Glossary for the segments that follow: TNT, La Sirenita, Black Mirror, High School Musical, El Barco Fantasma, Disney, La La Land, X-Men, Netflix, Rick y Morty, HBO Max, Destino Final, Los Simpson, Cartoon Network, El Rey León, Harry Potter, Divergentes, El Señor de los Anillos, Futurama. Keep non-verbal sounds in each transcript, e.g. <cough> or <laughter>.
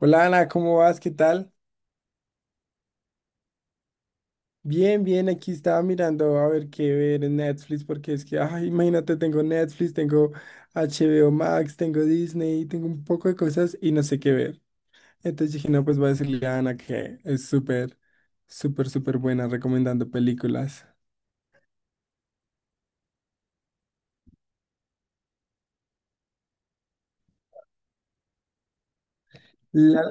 Hola Ana, ¿cómo vas? ¿Qué tal? Bien, bien, aquí estaba mirando a ver qué ver en Netflix, porque es que, ay, imagínate, tengo Netflix, tengo HBO Max, tengo Disney, tengo un poco de cosas y no sé qué ver. Entonces dije, no, pues voy a decirle a Ana que es súper, súper, súper buena recomendando películas. La-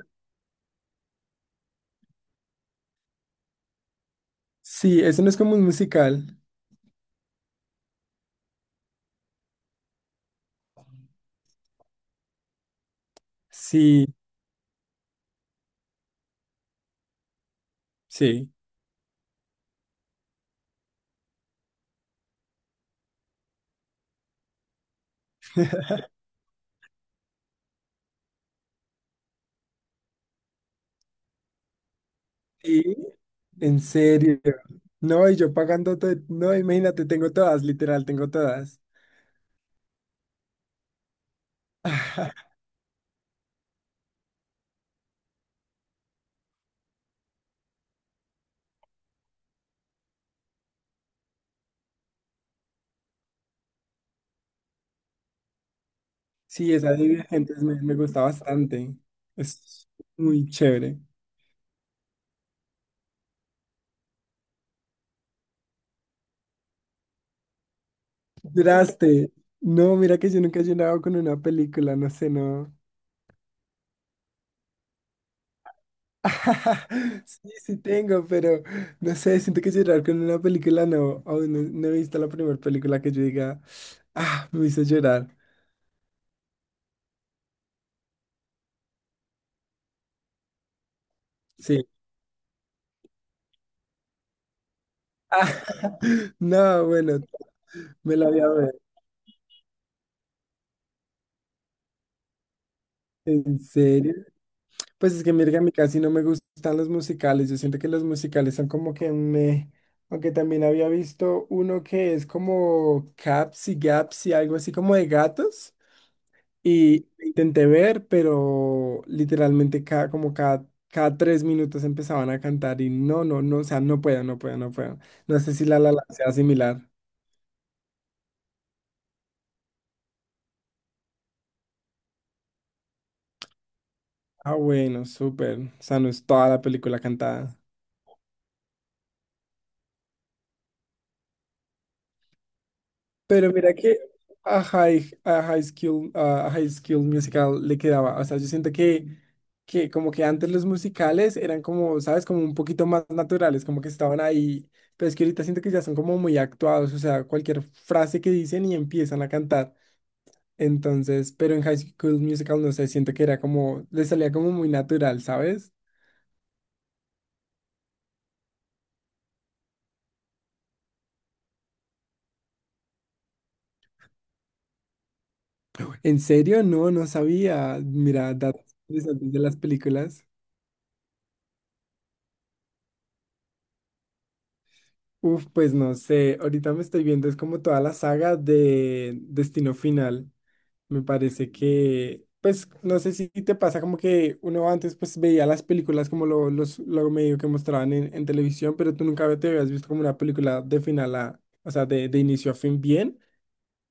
Sí, eso no es como un musical. Sí, sí. Sí, en serio. No, y yo pagando todo, no, imagínate, tengo todas, literal, tengo todas. <laughs> Sí, esa de Divergentes me gusta bastante. Es muy chévere. ¿Lloraste? No, mira que yo nunca he llorado con una película, no sé, no. <laughs> Sí, sí tengo, pero no sé, siento que llorar con una película no. Aún no, no he visto la primera película que yo diga, ah, me hizo llorar. Sí. <laughs> Ah, <laughs> No, bueno, me la voy a ver. ¿En serio? Pues es que mira que a mí casi no me gustan los musicales. Yo siento que los musicales son como que me... Aunque también había visto uno que es como Caps y Gaps y algo así como de gatos. Y intenté ver, pero literalmente cada 3 minutos empezaban a cantar y no, no, no, o sea, no puedo, no puedo, no puedo. No sé si La La Land sea similar. Ah, bueno, súper. O sea, no es toda la película cantada. Pero mira que a High School Musical le quedaba. O sea, yo siento que, como que antes los musicales eran como, ¿sabes? Como un poquito más naturales, como que estaban ahí. Pero es que ahorita siento que ya son como muy actuados. O sea, cualquier frase que dicen y empiezan a cantar. Entonces, pero en High School Musical, no sé, siento que era como, le salía como muy natural, ¿sabes? ¿En serio? No, no sabía. Mira, datos interesantes de las películas. Uf, pues no sé, ahorita me estoy viendo, es como toda la saga de Destino Final. Me parece que, pues no sé si te pasa como que uno antes pues veía las películas como lo medio que mostraban en televisión, pero tú nunca te habías visto como una película de final o sea, de, inicio a fin bien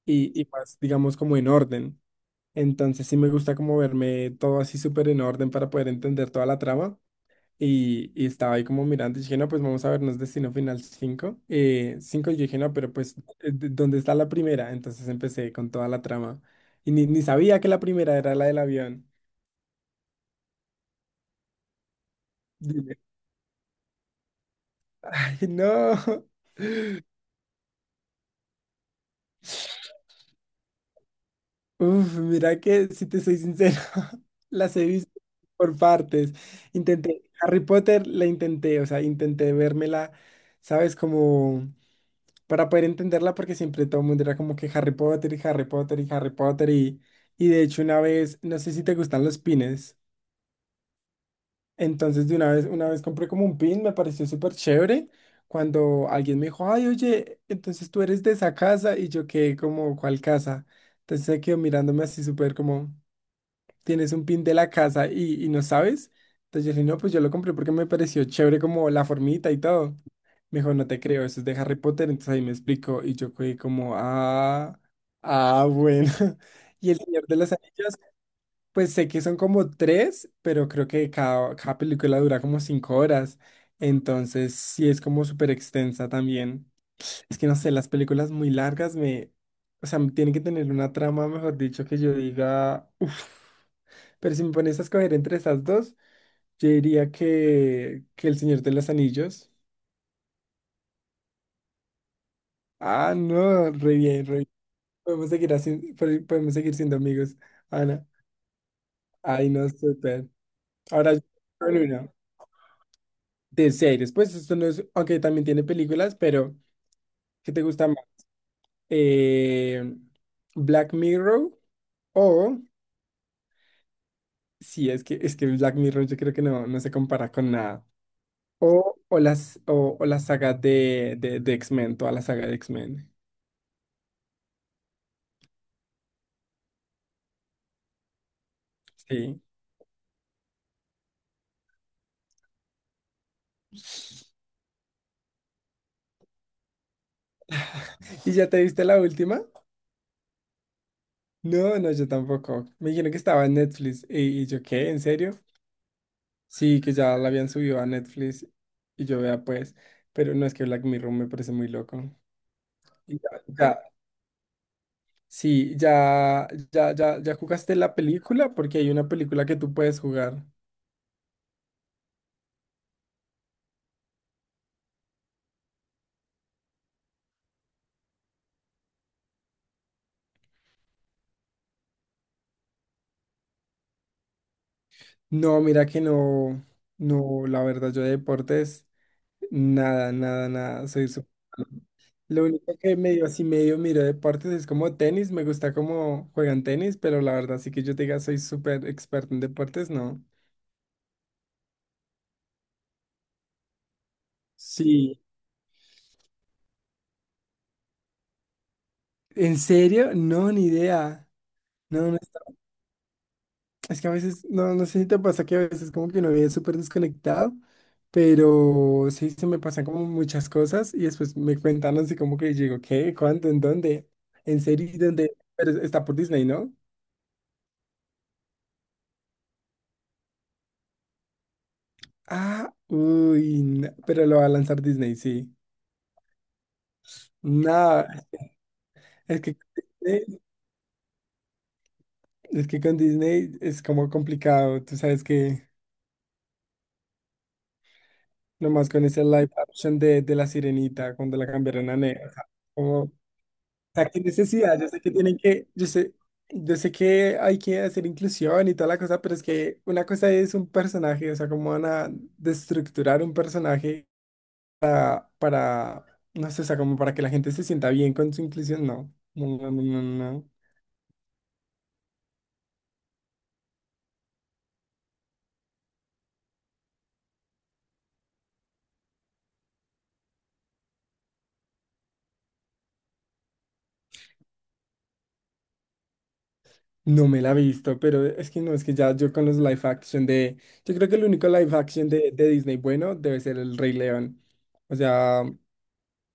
y más, digamos, como en orden. Entonces sí me gusta como verme todo así súper en orden para poder entender toda la trama. Y estaba ahí como mirando y dije, no, pues vamos a vernos Destino Final 5 5 y yo dije, no, pero pues, ¿dónde está la primera? Entonces empecé con toda la trama. Y ni sabía que la primera era la del avión. Dije, <laughs> Ay, no. Uf, mira que, si te soy sincero, <laughs> las he visto por partes. Intenté, Harry Potter la intenté, o sea, intenté vérmela, ¿sabes? Como... para poder entenderla porque siempre todo el mundo era como que Harry Potter y Harry Potter y Harry Potter y de hecho una vez, no sé si te gustan los pines, entonces de una vez compré como un pin, me pareció súper chévere cuando alguien me dijo, ay, oye, entonces tú eres de esa casa y yo quedé como, ¿cuál casa? Entonces se quedó mirándome así súper como tienes un pin de la casa y no sabes. Entonces yo le dije, no, pues yo lo compré porque me pareció chévere como la formita y todo. Me dijo, no te creo, eso es de Harry Potter. Entonces ahí me explicó y yo fui como, ah, ah, bueno. <laughs> Y El Señor de los Anillos, pues sé que son como tres, pero creo que cada película dura como 5 horas. Entonces sí es como súper extensa también. Es que no sé, las películas muy largas me, o sea, tienen que tener una trama, mejor dicho, que yo diga, uff. Pero si me pones a escoger entre esas dos, yo diría que El Señor de los Anillos. Ah, no, re bien, re bien. Podemos seguir así, podemos seguir siendo amigos, Ana. Ay, no, súper. Ahora yo con una. De series, pues esto no es, aunque también tiene películas, pero ¿qué te gusta más? Eh, Black Mirror o, sí, es que, Black Mirror yo creo que no, no se compara con nada. O la saga de X-Men, toda la saga de X-Men. Sí. ¿Y ya te viste la última? No, no, yo tampoco. Me dijeron que estaba en Netflix. ¿Y yo qué? ¿En serio? Sí, que ya la habían subido a Netflix. Y yo vea, pues. Pero no es que Black Mirror me parece muy loco. Y ya, ya, sí, ya, ya, ya, ya jugaste la película porque hay una película que tú puedes jugar. No, mira que no, no, la verdad, yo de deportes, nada, nada, nada. Soy súper. Lo único que medio así medio miro deportes es como tenis, me gusta cómo juegan tenis, pero la verdad sí que yo te diga soy súper experto en deportes, no. Sí. ¿En serio? No, ni idea. No, es que a veces, no, no sé si te pasa que a veces como que uno vive súper desconectado, pero sí se me pasan como muchas cosas y después me cuentan así como que digo, ¿qué? ¿Cuánto? ¿En dónde? ¿En serio? ¿Dónde? Pero está por Disney, ¿no? Ah, uy, no, pero lo va a lanzar Disney, sí. No. Es que, es que con Disney es como complicado. Tú sabes que nomás con ese live action de La Sirenita, cuando la cambiaron a negra. O sea, como, o sea, qué necesidad. Yo sé que tienen que, yo sé que hay que hacer inclusión y toda la cosa, pero es que una cosa es un personaje, o sea, cómo van a destructurar un personaje para, no sé, o sea, como para que la gente se sienta bien con su inclusión. No, no, no, no, no. No. No me la he visto, pero es que no, es que ya yo con los live action de. Yo creo que el único live action de Disney bueno debe ser El Rey León. O sea,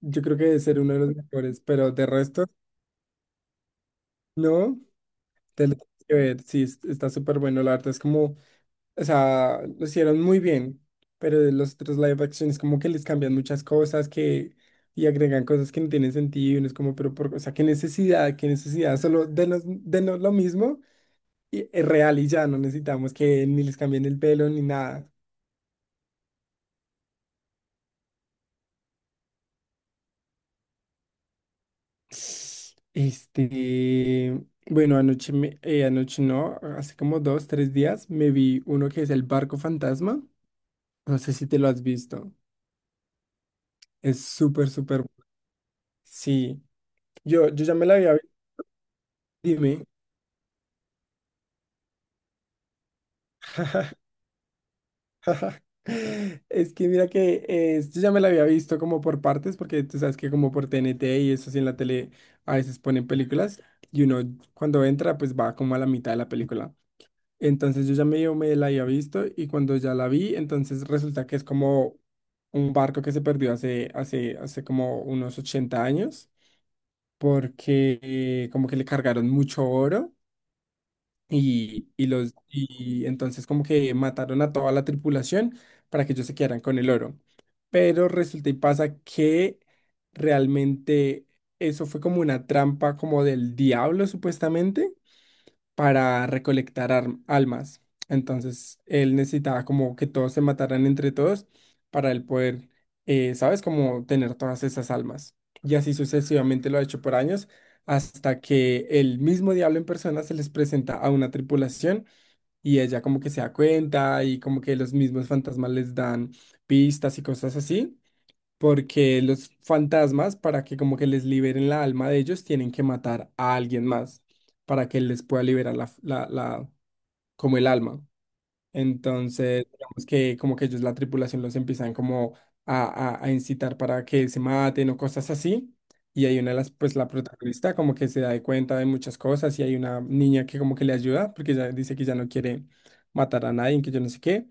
yo creo que debe ser uno de los mejores, pero de resto, no. Te lo tienes que ver, sí, está súper bueno. La arte es como. O sea, lo hicieron muy bien, pero de los otros live action es como que les cambian muchas cosas que. Y agregan cosas que no tienen sentido. Y uno es como, pero por, o sea, qué necesidad, solo denos, denos lo mismo es real y ya no necesitamos que ni les cambien el pelo ni nada. Este, bueno, anoche, anoche no, hace como dos, tres días me vi uno que es El Barco Fantasma. No sé si te lo has visto. Es súper, súper. Sí, yo ya me la había visto. Dime. <laughs> Es que mira que yo ya me la había visto como por partes, porque tú sabes que como por T N T y eso así en la tele a veces ponen películas y uno cuando entra pues va como a la mitad de la película. Entonces yo ya medio me la había visto y cuando ya la vi, entonces resulta que es como un barco que se perdió hace como unos 80 años porque como que le cargaron mucho oro y entonces como que mataron a toda la tripulación para que ellos se quedaran con el oro. Pero resulta y pasa que realmente eso fue como una trampa como del diablo supuestamente para recolectar almas. Entonces él necesitaba como que todos se mataran entre todos para él poder, ¿sabes? Como tener todas esas almas. Y así sucesivamente lo ha hecho por años hasta que el mismo diablo en persona se les presenta a una tripulación y ella como que se da cuenta y como que los mismos fantasmas les dan pistas y cosas así. Porque los fantasmas, para que como que les liberen la alma de ellos, tienen que matar a alguien más para que les pueda liberar como el alma. Entonces, digamos que como que ellos, la tripulación, los empiezan como a, a incitar para que se maten o cosas así. Y hay una de las, pues la protagonista como que se da de cuenta de muchas cosas y hay una niña que como que le ayuda porque ella dice que ya no quiere matar a nadie, que yo no sé qué.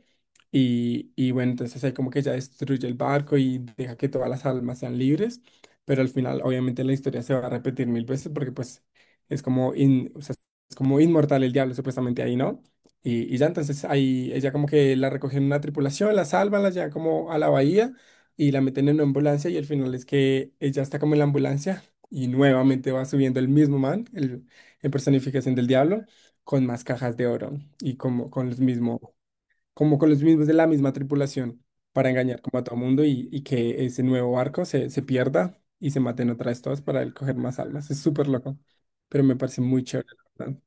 Y bueno, entonces ahí como que ella destruye el barco y deja que todas las almas sean libres. Pero al final, obviamente, la historia se va a repetir mil veces porque pues es como, o sea, es como inmortal el diablo supuestamente ahí, ¿no? Y ya entonces ahí ella como que la recogen en una tripulación, la salvan, la llevan como a la bahía y la meten en una ambulancia y al final es que ella está como en la ambulancia y nuevamente va subiendo el mismo man, el, en personificación del diablo, con más cajas de oro y como con los mismos, como con los mismos de la misma tripulación para engañar como a todo mundo y que ese nuevo barco se pierda y se maten otra vez todos para él coger más almas. Es súper loco, pero me parece muy chévere, la verdad.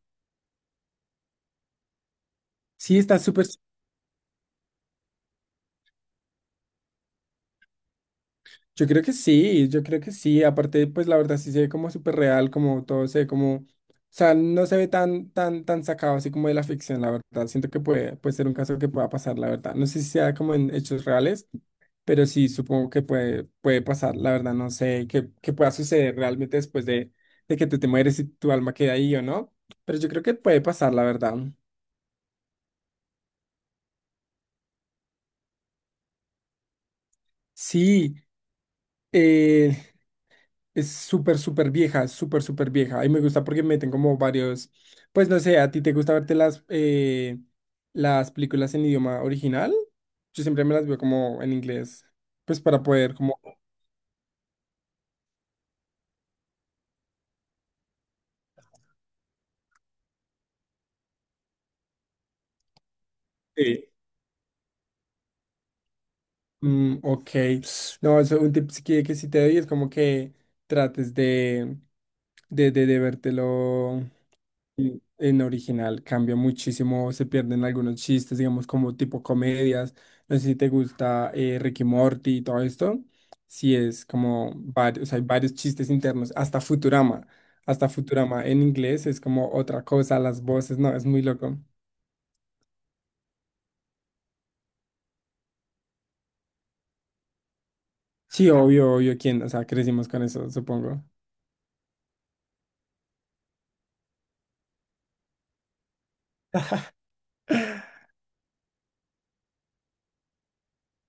Sí, está súper... Yo creo que sí, yo creo que sí. Aparte, pues la verdad sí se ve como súper real, como todo se ve como, o sea, no se ve tan, tan, tan sacado así como de la ficción, la verdad. Siento que puede ser un caso que pueda pasar, la verdad. No sé si sea como en hechos reales, pero sí supongo que puede pasar, la verdad. No sé qué pueda suceder realmente después de que te mueres y tu alma queda ahí o no. Pero yo creo que puede pasar, la verdad. Sí. eh, Es súper, súper vieja, súper, súper vieja. Y me gusta porque meten como varios, pues no sé, ¿a ti te gusta verte las películas en idioma original? Yo siempre me las veo como en inglés, pues para poder como... eh, ok, no, eso, un tip que sí te doy es como que trates de vértelo. En original cambia muchísimo, se pierden algunos chistes, digamos, como tipo comedias. No sé si te gusta Rick y Morty y todo esto. Sí, es como varios, hay varios chistes internos, hasta Futurama. Hasta Futurama en inglés es como otra cosa, las voces, no, es muy loco. Sí, obvio, obvio, quién, o sea, crecimos con eso, supongo.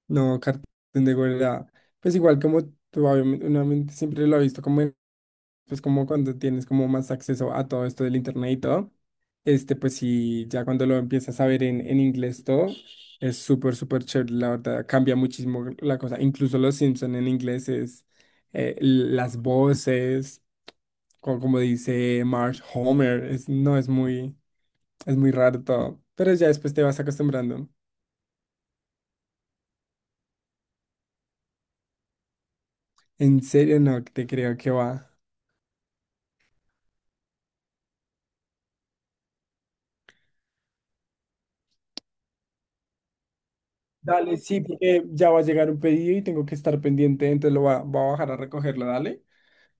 No, Cartoon de era, pues igual como tú, obviamente, uno siempre lo ha visto como en pues como cuando tienes como más acceso a todo esto del internet y todo, este, pues sí, ya cuando lo empiezas a ver en inglés todo, es súper, súper chévere, la verdad, cambia muchísimo la cosa, incluso los Simpson en inglés es las voces, como, dice Marge Homer, es, no, es muy raro todo, pero ya después te vas acostumbrando. En serio, no, te creo que va. Dale, sí, porque ya va a llegar un pedido y tengo que estar pendiente, entonces lo va, a bajar a recogerlo, dale.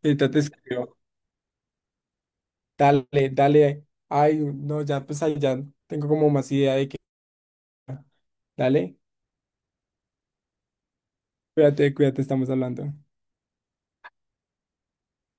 Ahorita te escribo. Dale, dale. Ay, no, ya pues ahí ya tengo como más idea de que. Dale, cuídate, cuídate, estamos hablando.